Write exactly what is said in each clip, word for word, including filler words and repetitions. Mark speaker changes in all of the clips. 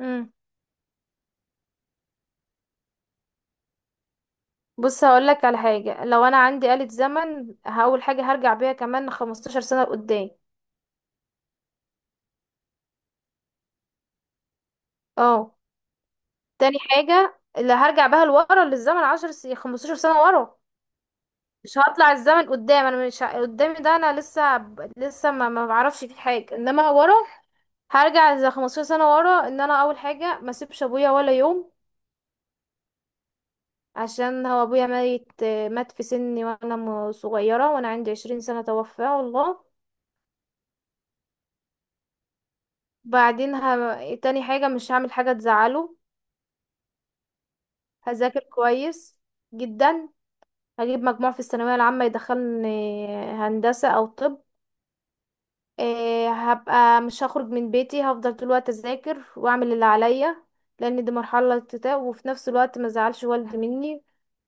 Speaker 1: مم. بص هقول لك على حاجه، لو انا عندي آلة زمن هقول حاجه هرجع بيها كمان خمستاشر سنه لقدام. اه، تاني حاجه اللي هرجع بيها لورا للزمن عشر س... خمستاشر سنه ورا. مش هطلع الزمن قدام، انا مش ه- قدامي ده، انا لسه ب- لسه ما ما بعرفش فيه حاجه، انما ورا. هرجع زي خمسة عشر سنه ورا، ان انا اول حاجه ما اسيبش ابويا ولا يوم، عشان هو ابويا ميت. مات في سني وانا م- صغيره، وانا عندي عشرين سنه توفاه والله. بعدين ه... تاني حاجة مش هعمل حاجة تزعله. هذاكر كويس جدا. هجيب مجموع في الثانوية العامة يدخلني هندسة أو طب. إيه، هبقى مش هخرج من بيتي، هفضل طول الوقت أذاكر وأعمل اللي عليا، لأن دي مرحلة اكتئاب، وفي نفس الوقت ما زعلش والدي مني.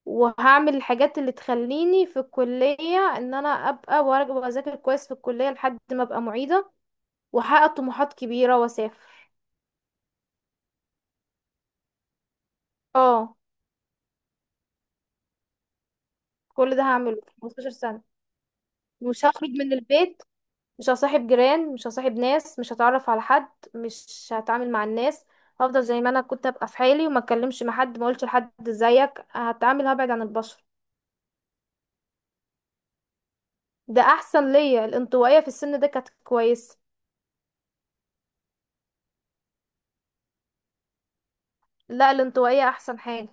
Speaker 1: وهعمل الحاجات اللي تخليني في الكلية ان انا ابقى وارجع واذاكر كويس في الكلية لحد ما ابقى معيدة، واحقق طموحات كبيرة واسافر. اه، كل ده هعمله في خمستاشر سنة. مش هخرج من البيت، مش هصاحب جيران، مش هصاحب ناس، مش هتعرف على حد، مش هتعامل مع الناس. هفضل زي ما انا كنت ابقى في حالي، وما اتكلمش مع حد، ما اقولش لحد زيك، هتعامل هبعد عن البشر. ده احسن ليا، الانطوائيه في السن ده كانت كويسه. لا، الانطوائيه احسن حاجه.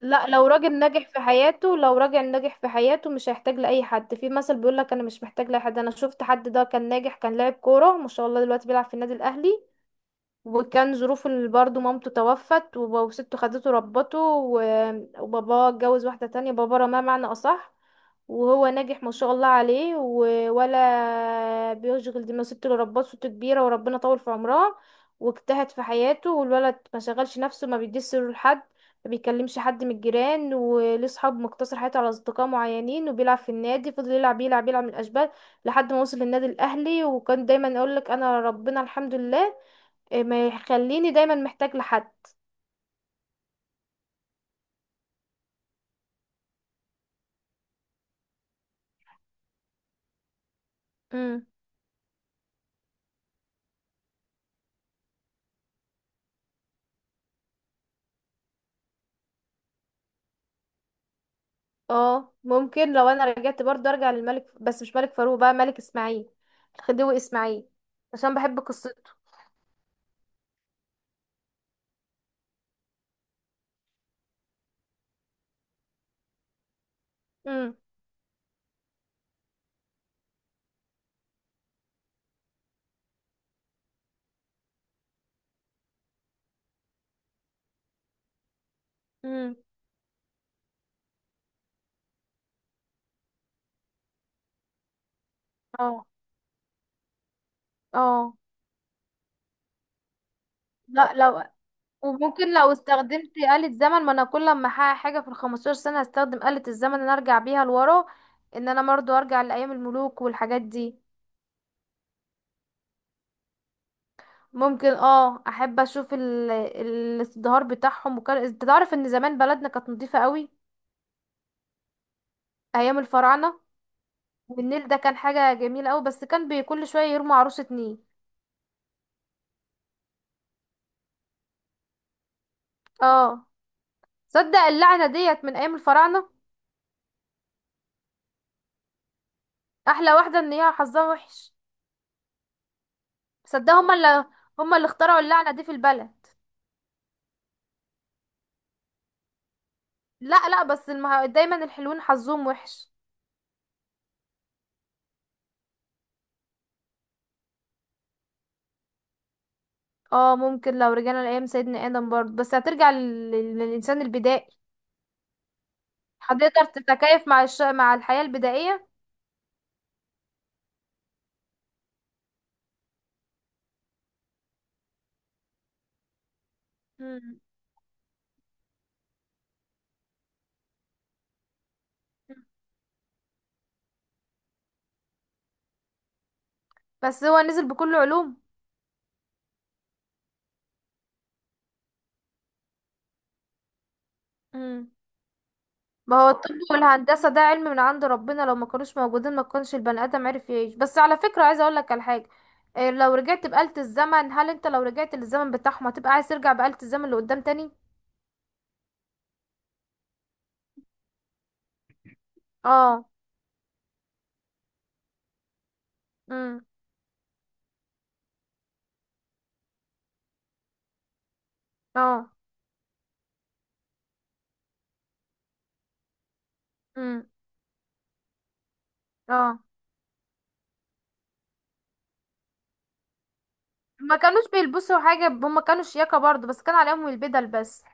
Speaker 1: لا، لو راجل ناجح في حياته، لو راجل ناجح في حياته مش هيحتاج لاي حد، في مثل بيقول لك انا مش محتاج لاي حد، انا شفت حد ده كان ناجح، كان لاعب كوره ما شاء الله، دلوقتي بيلعب في النادي الاهلي. وكان ظروفه اللي برضه مامته توفت، وب- وسته خدته ربته، و- وباباه اتجوز واحدة تانية، بابا رماه معنى أصح. وهو ناجح ما شاء الله عليه، و- ولا بيشغل دماغه، ست اللي ربته ست كبيرة، وربنا طول في عمرها. واجتهد في حياته، والولد ما شغلش نفسه، ما بيديش سره لحد، ما بيكلمش حد من الجيران، وليه صحاب مقتصر حياته على أصدقاء معينين، وبيلعب في النادي فضل يلعب يلعب يلعب من الأشبال لحد ما وصل للنادي الأهلي. وكان دايما أقول لك أنا ربنا الحمد لله. إيه، ما يخليني دايما محتاج لحد. امم اه، ممكن لو انا رجعت برضه ارجع للملك، بس مش ملك فاروق بقى، ملك اسماعيل، الخديوي اسماعيل، عشان بحب قصته. امم امم اه، اه، لا لو وممكن لو استخدمت آلة زمن، ما انا كل ما احقق حاجة في الخمستاشر سنة هستخدم آلة الزمن ان أنا ارجع بيها لورا، ان انا برضو ارجع لايام الملوك والحاجات دي. ممكن اه، احب اشوف ال... الازدهار بتاعهم، وكان انت تعرف ان زمان بلدنا كانت نضيفة قوي. ايام الفراعنه. والنيل ده كان حاجه جميله قوي، بس كان بي- كل شويه يرموا عروسه نيل. اه، صدق اللعنه ديت من ايام الفراعنه. احلى واحده ان هي حظها وحش. صدق هما اللي هما اللي اخترعوا اللعنه دي في البلد. لا لا، بس المه... دايما الحلوين حظهم وحش. اه، ممكن لو رجعنا لايام سيدنا ادم برضه، بس هترجع لل... للانسان البدائي. هتقدر تتكيف مع الش... مع الحياه البدائيه. مم. بس هو نزل بكل علوم. مم. ما هو الطب والهندسة ده علم من عند ربنا، لو ما كانوش موجودين ما كانش البني آدم عرف يعيش، بس على فكرة عايزة اقولك على حاجة. إيه، لو رجعت بآلة الزمن هل انت لو رجعت للزمن بتاعهم هتبقى عايز ترجع بآلة الزمن لقدام تاني؟ اه. امم اه. امم اه. ما كانوش بيلبسوا حاجة، هم كانوا شياكة برضو، بس كان عليهم البدل بس.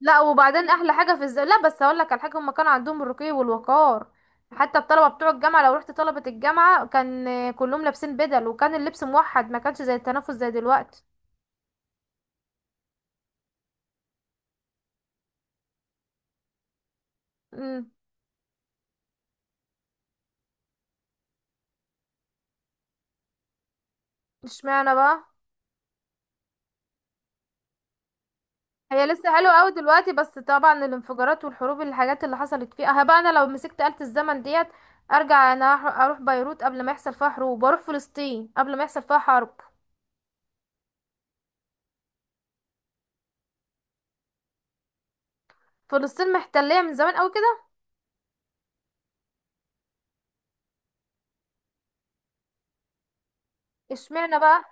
Speaker 1: لا وبعدين احلى حاجه في الز... لا بس اقول لك على حاجه، هم كان عندهم الرقي والوقار. حتى الطلبه بتوع الجامعه، لو رحت طلبه الجامعه كان آه، كلهم لابسين بدل، وكان اللبس موحد، ما كانش زي التنافس زي دلوقتي. امم اشمعنى بقى؟ هي لسه حلوه قوي دلوقتي، بس طبعا الانفجارات والحروب الحاجات اللي حصلت فيها، ها بقى انا لو مسكت آلة الزمن ديت، ارجع انا هح- اروح بيروت قبل ما يحصل فيها حروب، واروح فلسطين قبل ما يحصل فيها حرب. فلسطين محتليه من زمان قوي كده. اشمعنى بقى؟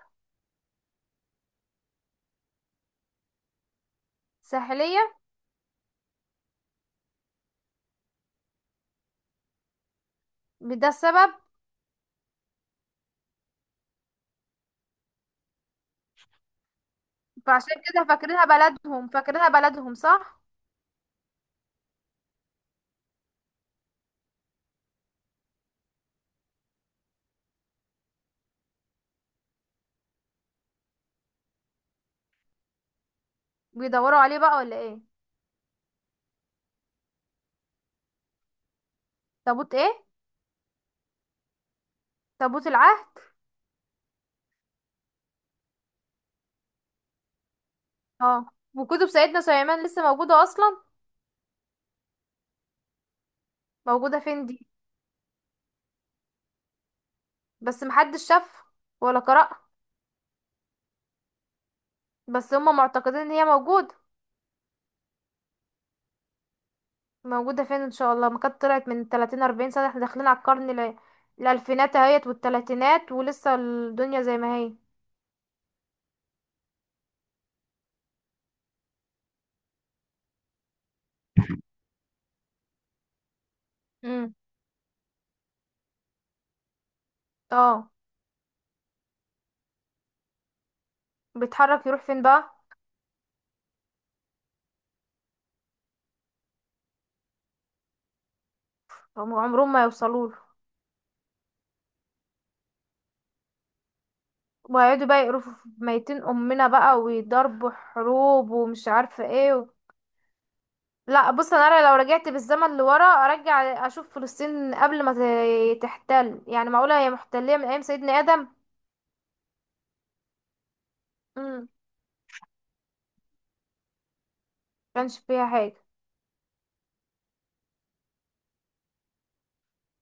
Speaker 1: ساحليه. ده السبب. فعشان كده فاكرينها بلدهم، فاكرينها بلدهم، صح. بيدوروا عليه بقى ولا ايه؟ تابوت ايه؟ تابوت العهد. اه، وكتب سيدنا سليمان لسه موجودة اصلا؟ موجودة فين دي؟ بس محدش شافها ولا قرأها. بس هم معتقدين ان هي موجودة. موجودة فين؟ ان شاء الله ما كانت طلعت من ثلاثين اربعين سنة، احنا داخلين على القرن ال- الالفينات اهيت والتلاتينات، ولسه الدنيا زي ما هي. امم اه. بيتحرك يروح فين بقى؟ هم عمرهم ما يوصلوا. وهيقعدوا بقى يقرفوا في ميتين امنا بقى، ويضربوا حروب، ومش عارفه ايه و... لا، بص انا لو رجعت بالزمن لورا ارجع اشوف فلسطين قبل ما ت- تحتل، يعني معقوله هي محتليه من ايام سيدنا ادم؟ امم كانش فيها حاجه.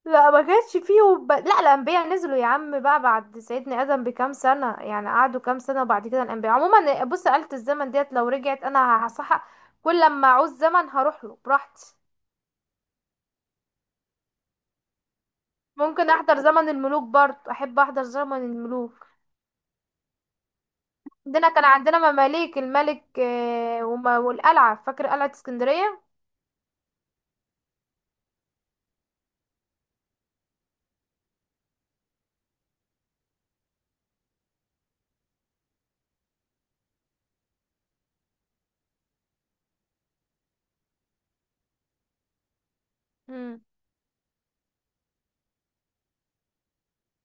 Speaker 1: لا ما كانش فيه وب... لا الانبياء نزلوا يا عم بقى بعد سيدنا ادم بكام سنه، يعني قعدوا كام سنه، وبعد كده الانبياء عموما، بص آلة الزمن ديت لو رجعت انا هصحى كل لما اعوز زمن هروح له براحتي. ممكن احضر زمن الملوك برضه، احب احضر زمن الملوك. عندنا كان عندنا مماليك الملك آه، وما- والقلعة فاكر قلعة اسكندرية. امم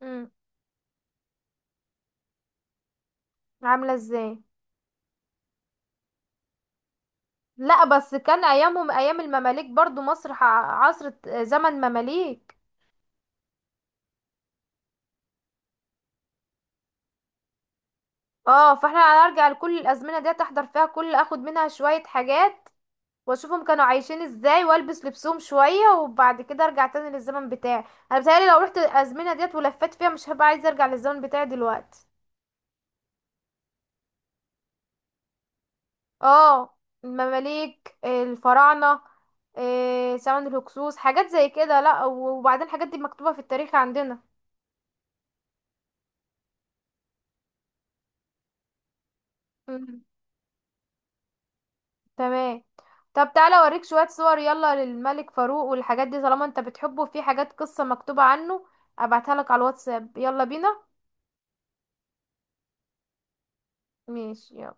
Speaker 1: امم عاملة ازاي؟ لا بس كان ايامهم ايام المماليك برضه مصر ح- عصر زمن مماليك. اه، فاحنا هنرجع لكل الازمنة دي احضر فيها، كل اخد منها شوية حاجات، واشوفهم كانوا عايشين ازاي، والبس لبسهم شوية، وبعد كده ارجع تاني للزمن بتاعي. انا بتهيألي لو رحت الازمنة ديت ولفت فيها مش هبقى عايزة ارجع للزمن بتاعي دلوقتي. اه، المماليك الفراعنة، آه، زمن الهكسوس حاجات زي كده، لا وبعدين الحاجات دي مكتوبة في التاريخ عندنا. مم. تمام. طب تعالى اوريك شوية صور يلا للملك فاروق والحاجات دي، طالما انت بتحبه في حاجات قصة مكتوبة عنه، ابعتها لك على الواتساب، يلا بينا. ماشي يلا.